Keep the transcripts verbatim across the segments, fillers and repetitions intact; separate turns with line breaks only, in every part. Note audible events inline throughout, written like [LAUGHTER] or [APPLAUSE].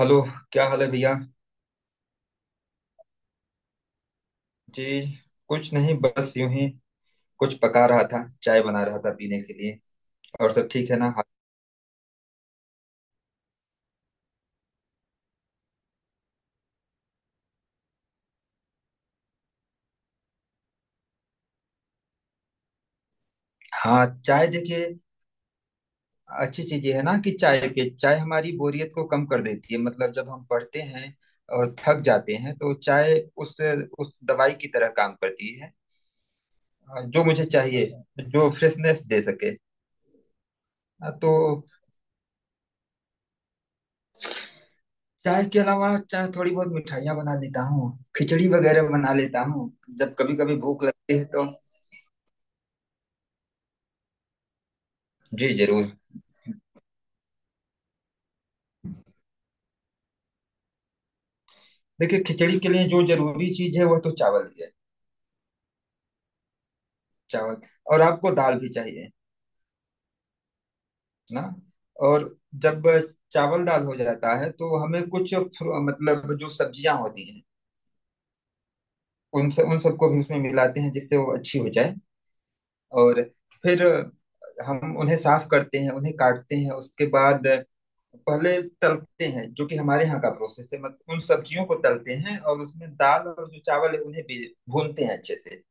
Hello. क्या हाल है भैया? जी। कुछ नहीं, बस यूं ही। कुछ पका रहा था, चाय बना रहा था पीने के लिए। और सब ठीक है ना? हाँ। हाँ, चाय देखिए। अच्छी चीज ये है ना कि चाय पे चाय हमारी बोरियत को कम कर देती है, मतलब जब हम पढ़ते हैं और थक जाते हैं तो चाय उस उस दवाई की तरह काम करती है। अ, जो मुझे चाहिए, जो फ्रेशनेस दे सके। अ, तो चाय के अलावा, चाय थोड़ी बहुत मिठाइयाँ बना लेता हूँ, खिचड़ी वगैरह बना लेता हूँ जब कभी कभी भूख लगती है तो। जी जरूर। देखिए, खिचड़ी के लिए जो जरूरी चीज है वह तो चावल ही है। चावल और आपको दाल भी चाहिए ना। और जब चावल दाल हो जाता है तो हमें कुछ फ्रू- मतलब जो सब्जियां होती हैं, उन सब उन सबको भी उसमें मिलाते हैं जिससे वो अच्छी हो जाए। और फिर हम उन्हें साफ करते हैं, उन्हें काटते हैं, उसके बाद पहले तलते हैं, जो कि हमारे यहाँ का प्रोसेस है, मतलब उन सब्जियों को तलते हैं और उसमें दाल और जो चावल है उन्हें भी भूनते हैं अच्छे से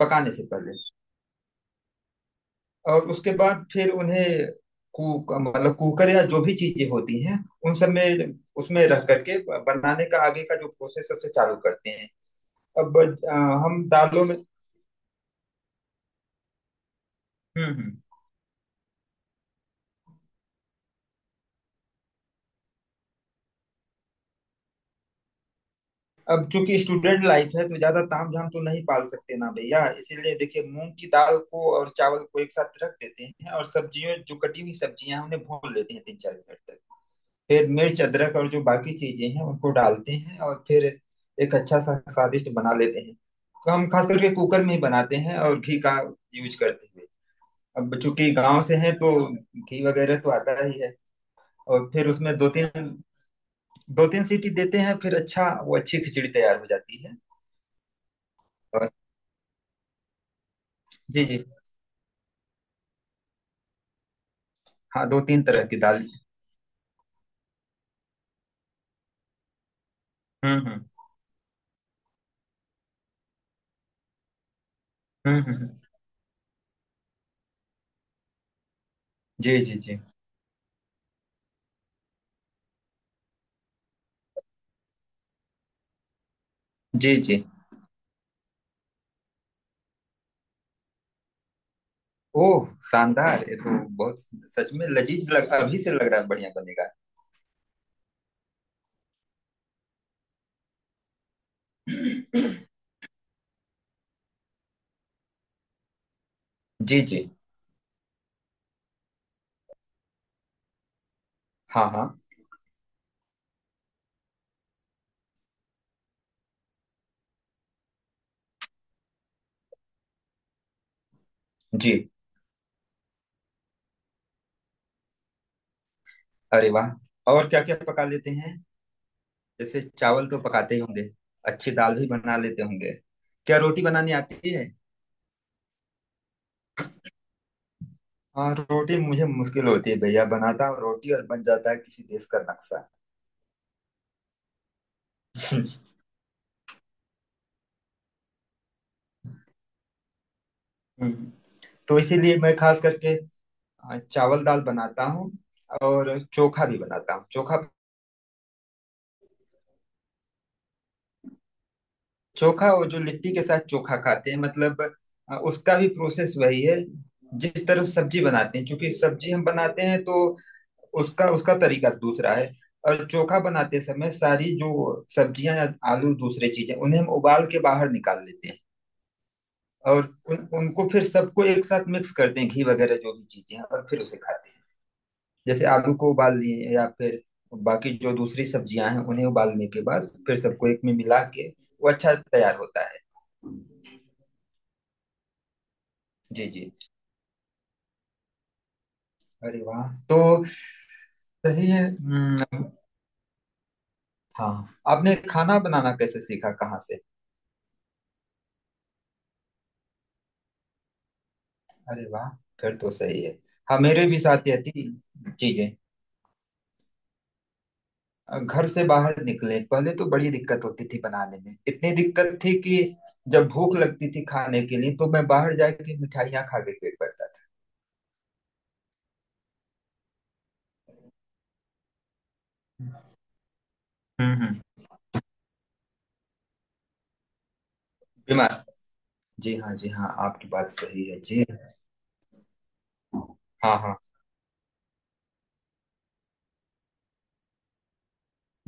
पकाने से पहले। और उसके बाद फिर उन्हें कुक, मतलब कुकर या जो भी चीजें होती हैं उन सब में, उसमें रख करके बनाने का आगे का जो प्रोसेस सबसे चालू करते हैं। अब अ, हम दालों में, हम्म हम्म। अब चूंकि स्टूडेंट लाइफ है तो ज्यादा ताम झाम तो नहीं पाल सकते ना भैया, इसीलिए देखिए मूंग की दाल को और चावल को एक साथ रख देते हैं और सब्जियों, जो कटी हुई सब्जियां हैं, उन्हें भून लेते हैं तीन चार मिनट तक। फिर मिर्च अदरक और जो बाकी चीजें हैं उनको डालते हैं और फिर एक अच्छा सा स्वादिष्ट बना लेते हैं। तो हम खास करके कुकर में ही बनाते हैं और घी का यूज करते हुए। अब चूंकि गांव से हैं तो घी वगैरह तो आता ही है। और फिर उसमें दो तीन दो तीन सीटी देते हैं फिर अच्छा, वो अच्छी खिचड़ी तैयार हो जाती है। और जी जी। हाँ, दो तीन तरह की दाल। हम्म हम्म हम्म हम्म हम्म। जी जी जी जी जी। ओह शानदार, ये तो बहुत। सच में लजीज, लग अभी से लग रहा है बढ़िया बनेगा। जी जी। हाँ हाँ जी। अरे वाह, और क्या क्या पका लेते हैं? जैसे चावल तो पकाते ही होंगे, अच्छी दाल भी बना लेते होंगे, क्या रोटी बनानी आती है? हाँ, रोटी मुझे मुश्किल होती है भैया। बनाता हूँ रोटी और बन जाता है किसी देश का नक्शा। [LAUGHS] हम्म। तो इसीलिए मैं खास करके अ, चावल दाल बनाता हूँ। और चोखा भी बनाता हूँ, चोखा। चोखा वो जो लिट्टी के साथ चोखा खाते हैं, मतलब अ, उसका भी प्रोसेस वही है जिस तरह सब्जी बनाते हैं। क्योंकि सब्जी हम बनाते हैं तो उसका उसका तरीका दूसरा है। और चोखा बनाते समय सारी जो सब्जियां या आलू दूसरी चीजें, उन्हें हम उबाल के बाहर निकाल लेते हैं। और उन, उनको फिर सबको एक साथ मिक्स करते हैं, घी वगैरह जो भी चीजें हैं, और फिर उसे खाते हैं। जैसे आलू को उबाल लिए या फिर बाकी जो दूसरी सब्जियां हैं उन्हें उबालने के बाद फिर सबको एक में मिला के वो अच्छा तैयार होता है। जी जी। अरे वाह। तो सही है। हम्म। हाँ, आपने खाना बनाना कैसे सीखा, कहाँ से? अरे वाह, फिर तो सही है। हाँ, मेरे भी साथ यह थी। जी जी। घर से बाहर निकले पहले तो बड़ी दिक्कत होती थी बनाने में, इतनी दिक्कत थी कि जब भूख लगती थी खाने के लिए तो मैं बाहर जाके मिठाइयाँ खा के पेट भरता था। हम्म हम्म। बीमार, जी हाँ जी हाँ, आपकी बात सही है जी। हाँ हाँ।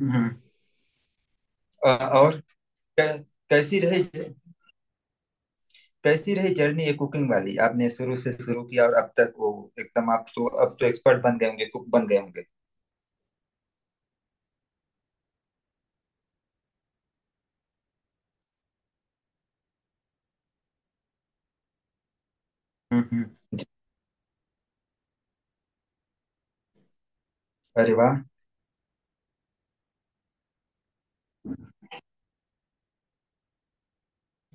हम्म। अ, और कै, कैसी रही? कैसी रही जर्नी ये कुकिंग वाली, आपने शुरू से शुरू किया और अब तक वो एकदम, आप तो अब तो एक्सपर्ट बन गए होंगे, कुक बन गए होंगे। हम्म हम्म जी। अरे वाह।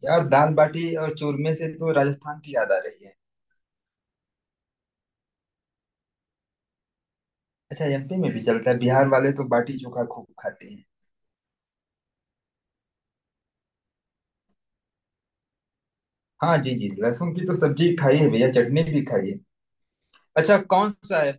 यार दाल बाटी और चूरमे से तो राजस्थान की याद आ रही है। अच्छा, एमपी में भी चलता है। बिहार वाले तो बाटी चोखा खूब खाते हैं। हाँ जी जी, लहसुन की तो सब्जी खाई है भैया, चटनी भी खाई है। अच्छा कौन सा है?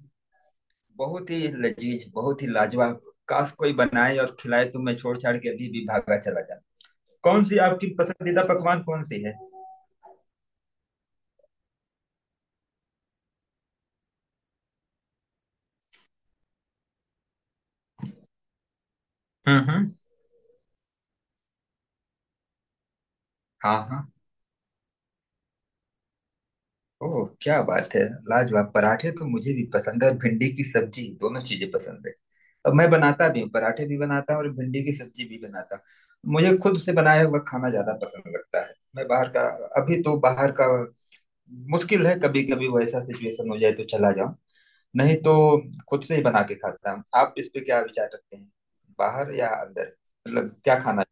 बहुत ही लजीज, बहुत ही लाजवाब। काश कोई बनाए और खिलाए तो मैं छोड़ छाड़ के अभी भी भागा चला जाता। कौन सी आपकी पसंदीदा पकवान कौन सी है? हम्म हम्म। हाँ हाँ। ओह क्या बात है, लाजवाब। पराठे तो मुझे भी पसंद है और भिंडी की सब्जी, दोनों चीजें पसंद है। अब मैं बनाता भी हूँ, पराठे भी बनाता हूँ और भिंडी की सब्जी भी बनाता हूँ। मुझे खुद से बनाया हुआ खाना ज्यादा पसंद लगता है। मैं बाहर का, अभी तो बाहर का मुश्किल है। कभी कभी वैसा सिचुएशन हो जाए तो चला जाऊं, नहीं तो खुद से ही बना के खाता हूँ। आप इस पे क्या विचार रखते हैं, बाहर या अंदर? मतलब क्या खाना।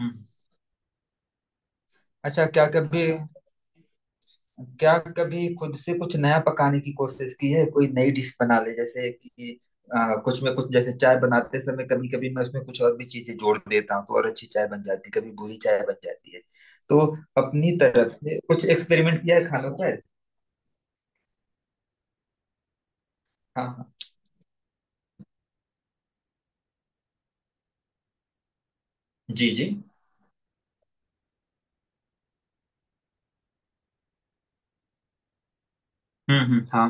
हम्म। अच्छा, क्या कभी क्या कभी खुद से कुछ नया पकाने की कोशिश की है? कोई नई डिश बना ले, जैसे कि आ, कुछ में कुछ, जैसे चाय बनाते समय कभी कभी मैं उसमें कुछ और भी चीजें जोड़ देता हूँ तो और अच्छी चाय बन जाती है, कभी बुरी चाय बन जाती है। तो अपनी तरफ से कुछ एक्सपेरिमेंट किया है खानों पर? हाँ हाँ। जी जी। हम्म हम्म। हाँ।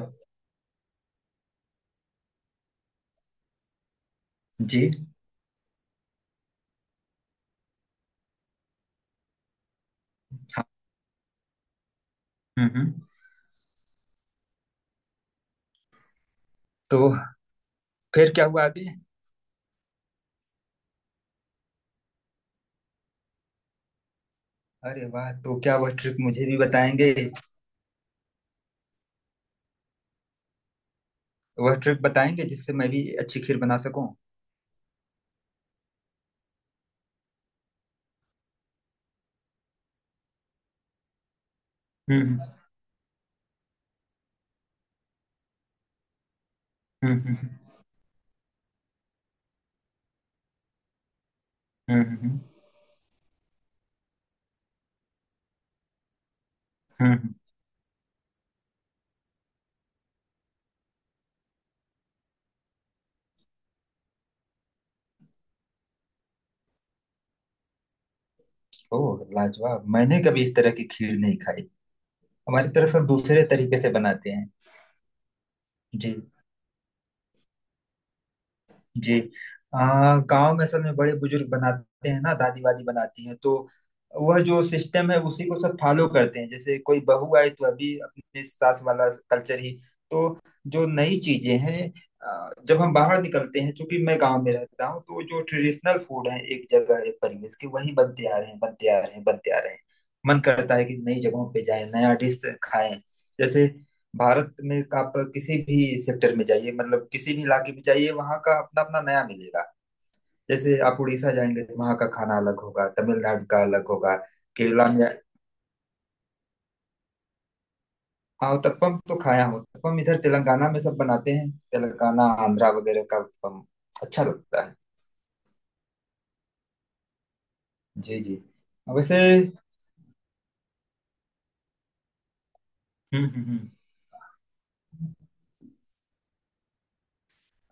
जी हाँ। हम्म हम्म। तो फिर क्या हुआ आगे? अरे वाह, तो क्या वह ट्रिक मुझे भी बताएंगे? वह ट्रिक बताएंगे जिससे मैं भी अच्छी खीर बना सकूं। हम्म हम्म हम्म हम्म हम्म हम्म हम्म, हम्म। ओह लाजवाब, मैंने कभी इस तरह की खीर नहीं खाई। हमारी तरफ से दूसरे तरीके से बनाते हैं। जी जी। आ, गांव में सब में बड़े बुजुर्ग बनाते हैं ना, दादी वादी बनाती हैं तो वह जो सिस्टम है उसी को सब फॉलो करते हैं। जैसे कोई बहू आई तो अभी अपने सास वाला कल्चर ही। तो जो नई चीजें हैं, आ, जब हम बाहर निकलते हैं, चूंकि मैं गांव में रहता हूँ तो जो ट्रेडिशनल फूड है एक जगह एक परिवेश के, वही बनते आ रहे हैं बनते आ रहे हैं बनते आ रहे हैं। मन करता है कि नई जगहों पे जाएं, नया डिश खाएं। जैसे भारत में आप किसी भी सेक्टर में जाइए, मतलब किसी भी इलाके में जाइए, वहाँ का अपना अपना नया मिलेगा। जैसे आप उड़ीसा जाएंगे तो वहाँ का खाना अलग होगा, तमिलनाडु का अलग होगा। केरला में, हाँ उत्तपम तो खाया हूँ। उत्तपम इधर तेलंगाना में सब बनाते हैं, तेलंगाना आंध्रा वगैरह का उत्तपम अच्छा लगता है। जी जी। वैसे, हम्म हम्म हम्म।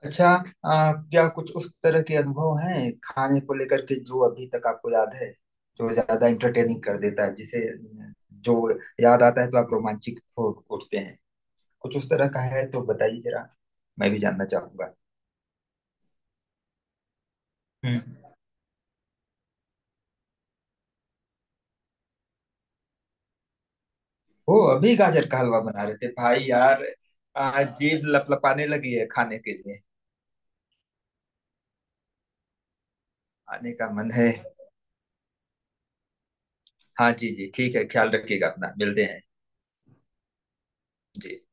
अच्छा, आ, क्या कुछ उस तरह के अनुभव हैं खाने को लेकर के जो अभी तक आपको याद है, जो ज्यादा इंटरटेनिंग कर देता है, जिसे, जो याद आता है तो आप रोमांचित हो उठते हैं? कुछ उस तरह का है तो बताइए जरा, मैं भी जानना चाहूंगा। हम्म। वो अभी गाजर का हलवा बना रहे थे भाई यार। आ, जीभ लपलपाने लगी है खाने के लिए। आने का मन है। हाँ जी जी, ठीक है, ख्याल रखिएगा अपना, मिलते हैं। जी।